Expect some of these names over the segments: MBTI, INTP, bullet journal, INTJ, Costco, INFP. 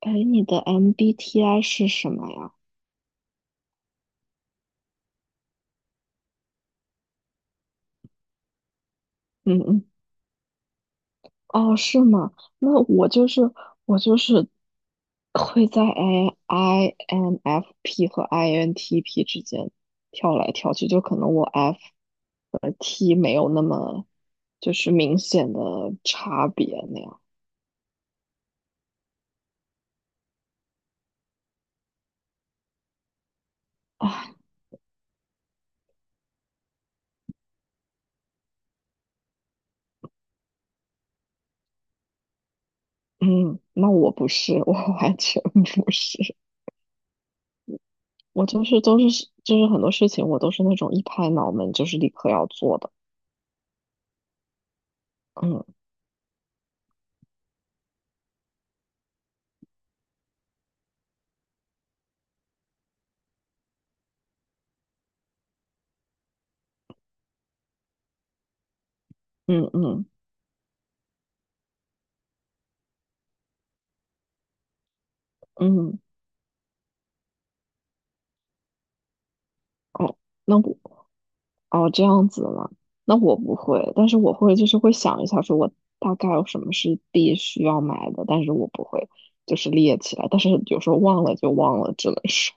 哎，你的 MBTI 是什么呀？嗯嗯，哦，是吗？那我就是会在INFP 和 INTP 之间跳来跳去，就可能我 F 和 T 没有那么就是明显的差别那样。啊，嗯，那我不是，我 完全不是，我就是都是就是很多事情我都是那种一拍脑门就是立刻要做的。嗯嗯嗯嗯。哦，那我哦这样子了，那我不会，但是我会就是会想一下，说我大概有什么是必须要买的，但是我不会就是列起来，但是有时候忘了就忘了，只能说。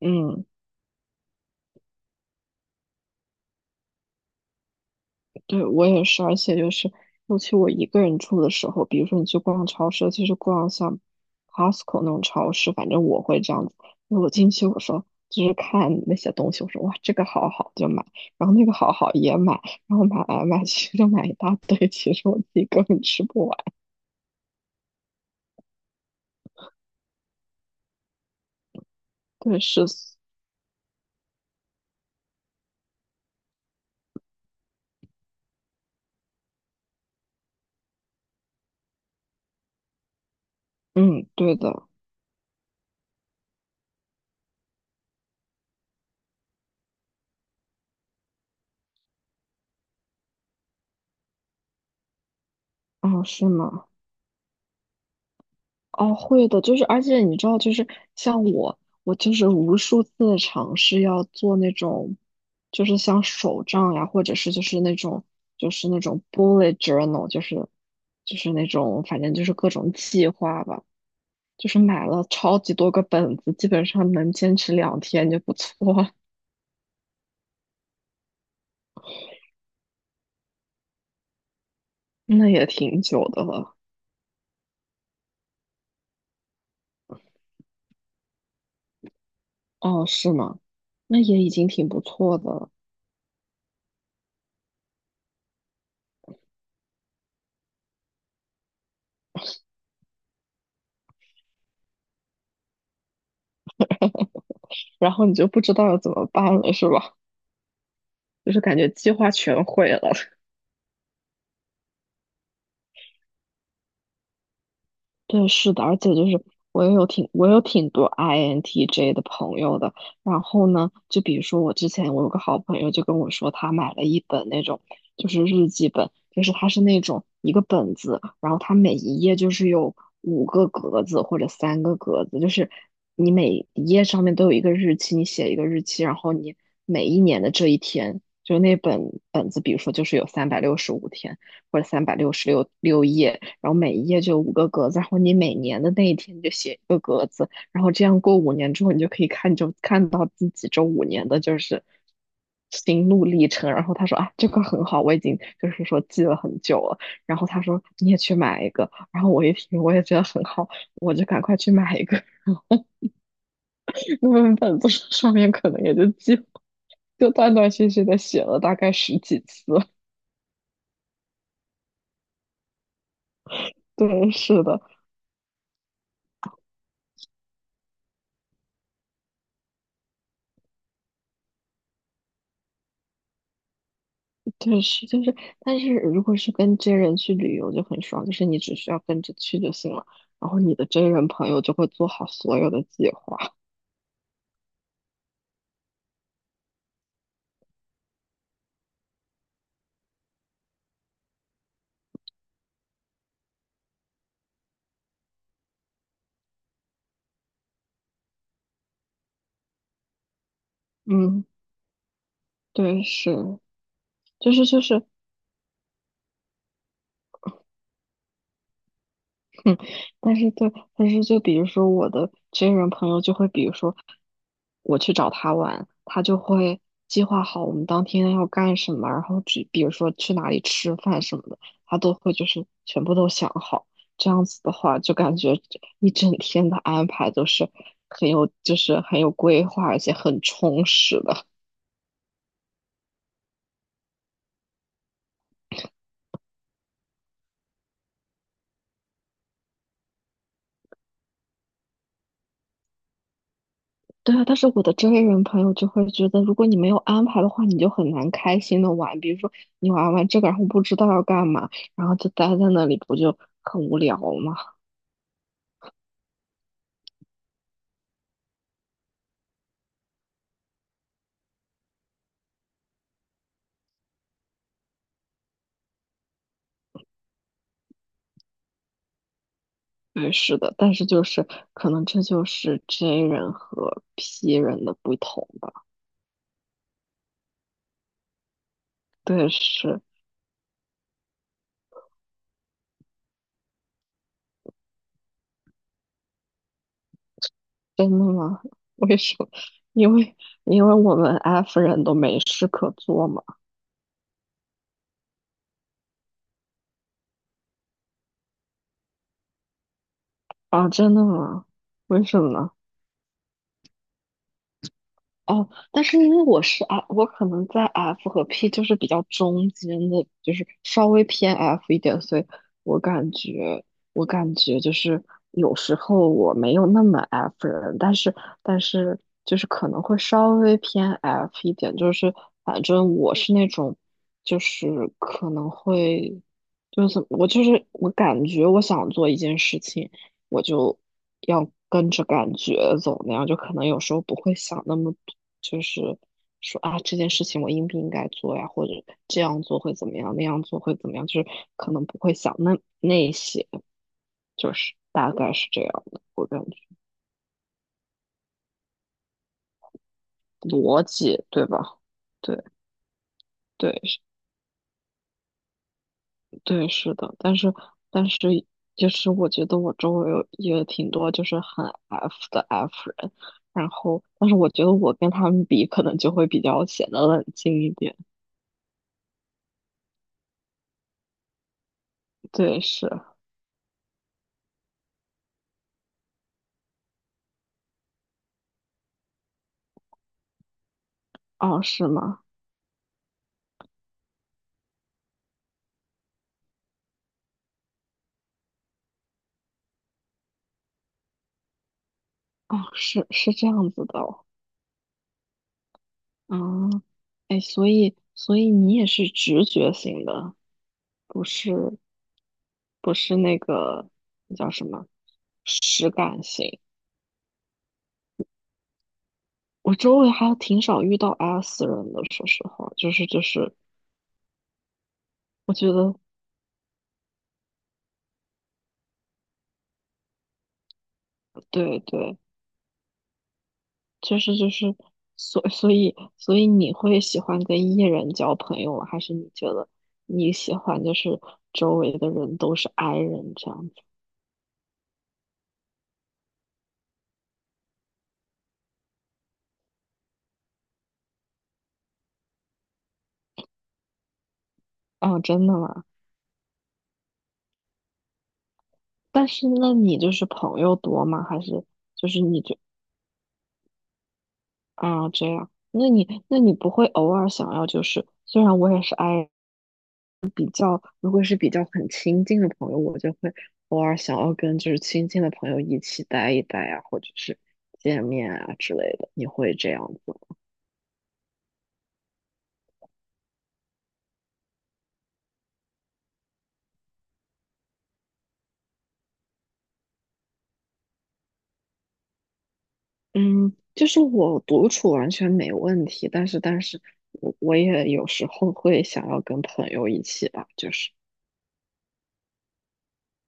嗯。对，我也是，而且就是，尤其我一个人住的时候，比如说你去逛超市，尤其是逛像 Costco 那种超市，反正我会这样子。因为我进去，我说就是看那些东西，我说哇，这个好好就买，然后那个好好也买，然后买来买去就买一大堆，其实我自己根本吃不完。对，是，嗯，对的，啊，是吗？哦，会的，就是，而且你知道，就是像我，我就是无数次的尝试要做那种，就是像手账呀，或者是就是那种 bullet journal，就是那种反正就是各种计划吧，就是买了超级多个本子，基本上能坚持2天就不错了。那也挺久的了。哦，是吗？那也已经挺不错的了。然后你就不知道要怎么办了，是吧？就是感觉计划全毁了。对，是的，而且就是我有挺多 INTJ 的朋友的。然后呢，就比如说我之前我有个好朋友就跟我说，他买了一本那种就是日记本，就是它是那种一个本子，然后它每一页就是有五个格子或者三个格子，就是你每一页上面都有一个日期，你写一个日期，然后你每一年的这一天，就那本本子，比如说就是有365天。或者三百六十六页，然后每一页就有五个格子，然后你每年的那一天你就写，然后这样过五年之后，你就可以看到自己这五年的就是心路历程。然后他说啊，这个很好，我已经就是说记了很久了。然后他说你也去买一个，然后我一听我也觉得很好，我就赶快去买一个。那本本子上面可能也就记断断续续的写了大概十几次。对，是的，对，是就是，但是如果是跟真人去旅游就很爽，就是你只需要跟着去就行了，然后你的真人朋友就会做好所有的计划。嗯，对，是，就是，嗯，但是对，但是就比如说我的真人朋友就会，比如说我去找他玩，他就会计划好我们当天要干什么，然后去比如说去哪里吃饭什么的，他都会就是全部都想好。这样子的话，就感觉一整天的安排都是很有规划，而且很充实的。对啊，但是我的周围人朋友就会觉得，如果你没有安排的话，你就很难开心的玩。比如说，你玩完这个，然后不知道要干嘛，然后就待在那里，不就很无聊吗？对，是的，但是就是可能这就是 J 人和 P 人的不同吧。对，是。真的吗？为什么？因为因为我们 F 人都没事可做嘛。啊，真的吗？为什么呢？哦，但是因为我是 F，我可能在 F 和 P 就是比较中间的，就是稍微偏 F 一点，所以我感觉，我感觉就是有时候我没有那么 F 人，但是就是可能会稍微偏 F 一点，就是反正我是那种，就是可能会，就是怎么我就是我感觉我想做一件事情。我就要跟着感觉走那样，就可能有时候不会想那么多，就是说啊这件事情我应不应该做呀，或者这样做会怎么样，那样做会怎么样，就是可能不会想那些，就是大概是这样的，我感觉逻辑对吧？对对，对，是的，但是，就是我觉得我周围有也挺多就是很 F 的 F 人，然后但是我觉得我跟他们比，可能就会比较显得冷静一点。对，是，哦，是吗？哦，是是这样子的哦，嗯，哎，所以你也是直觉型的，不是不是那个那叫什么实感型。我周围还挺少遇到 S 人的，说实话，就是，我觉得。对对，就是，所以你会喜欢跟 E 人交朋友吗，还是你觉得你喜欢就是周围的人都是 I 人这样子？哦，真的吗？但是那你就是朋友多吗？还是就是你就啊这样？那你不会偶尔想要就是虽然我也是 I 人，如果是比较很亲近的朋友，我就会偶尔想要跟就是亲近的朋友一起待一待啊，或者是见面啊之类的，你会这样子？嗯，就是我独处完全没问题，但是我也有时候会想要跟朋友一起吧，就是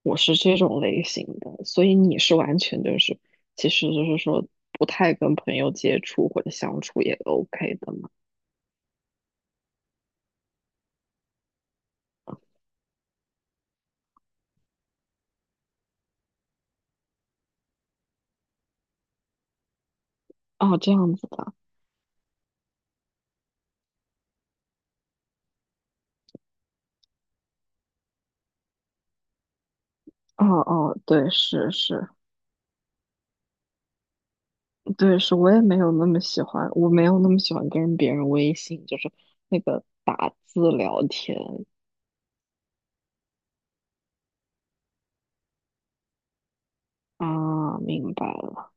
我是这种类型的，所以你是完全就是其实就是说不太跟朋友接触或者相处也 OK 的嘛。哦，这样子的。哦哦，对，是是，对，是我没有那么喜欢跟别人微信，就是那个打字聊天。啊，明白了，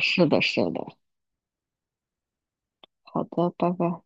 是的，是的。好的，拜拜。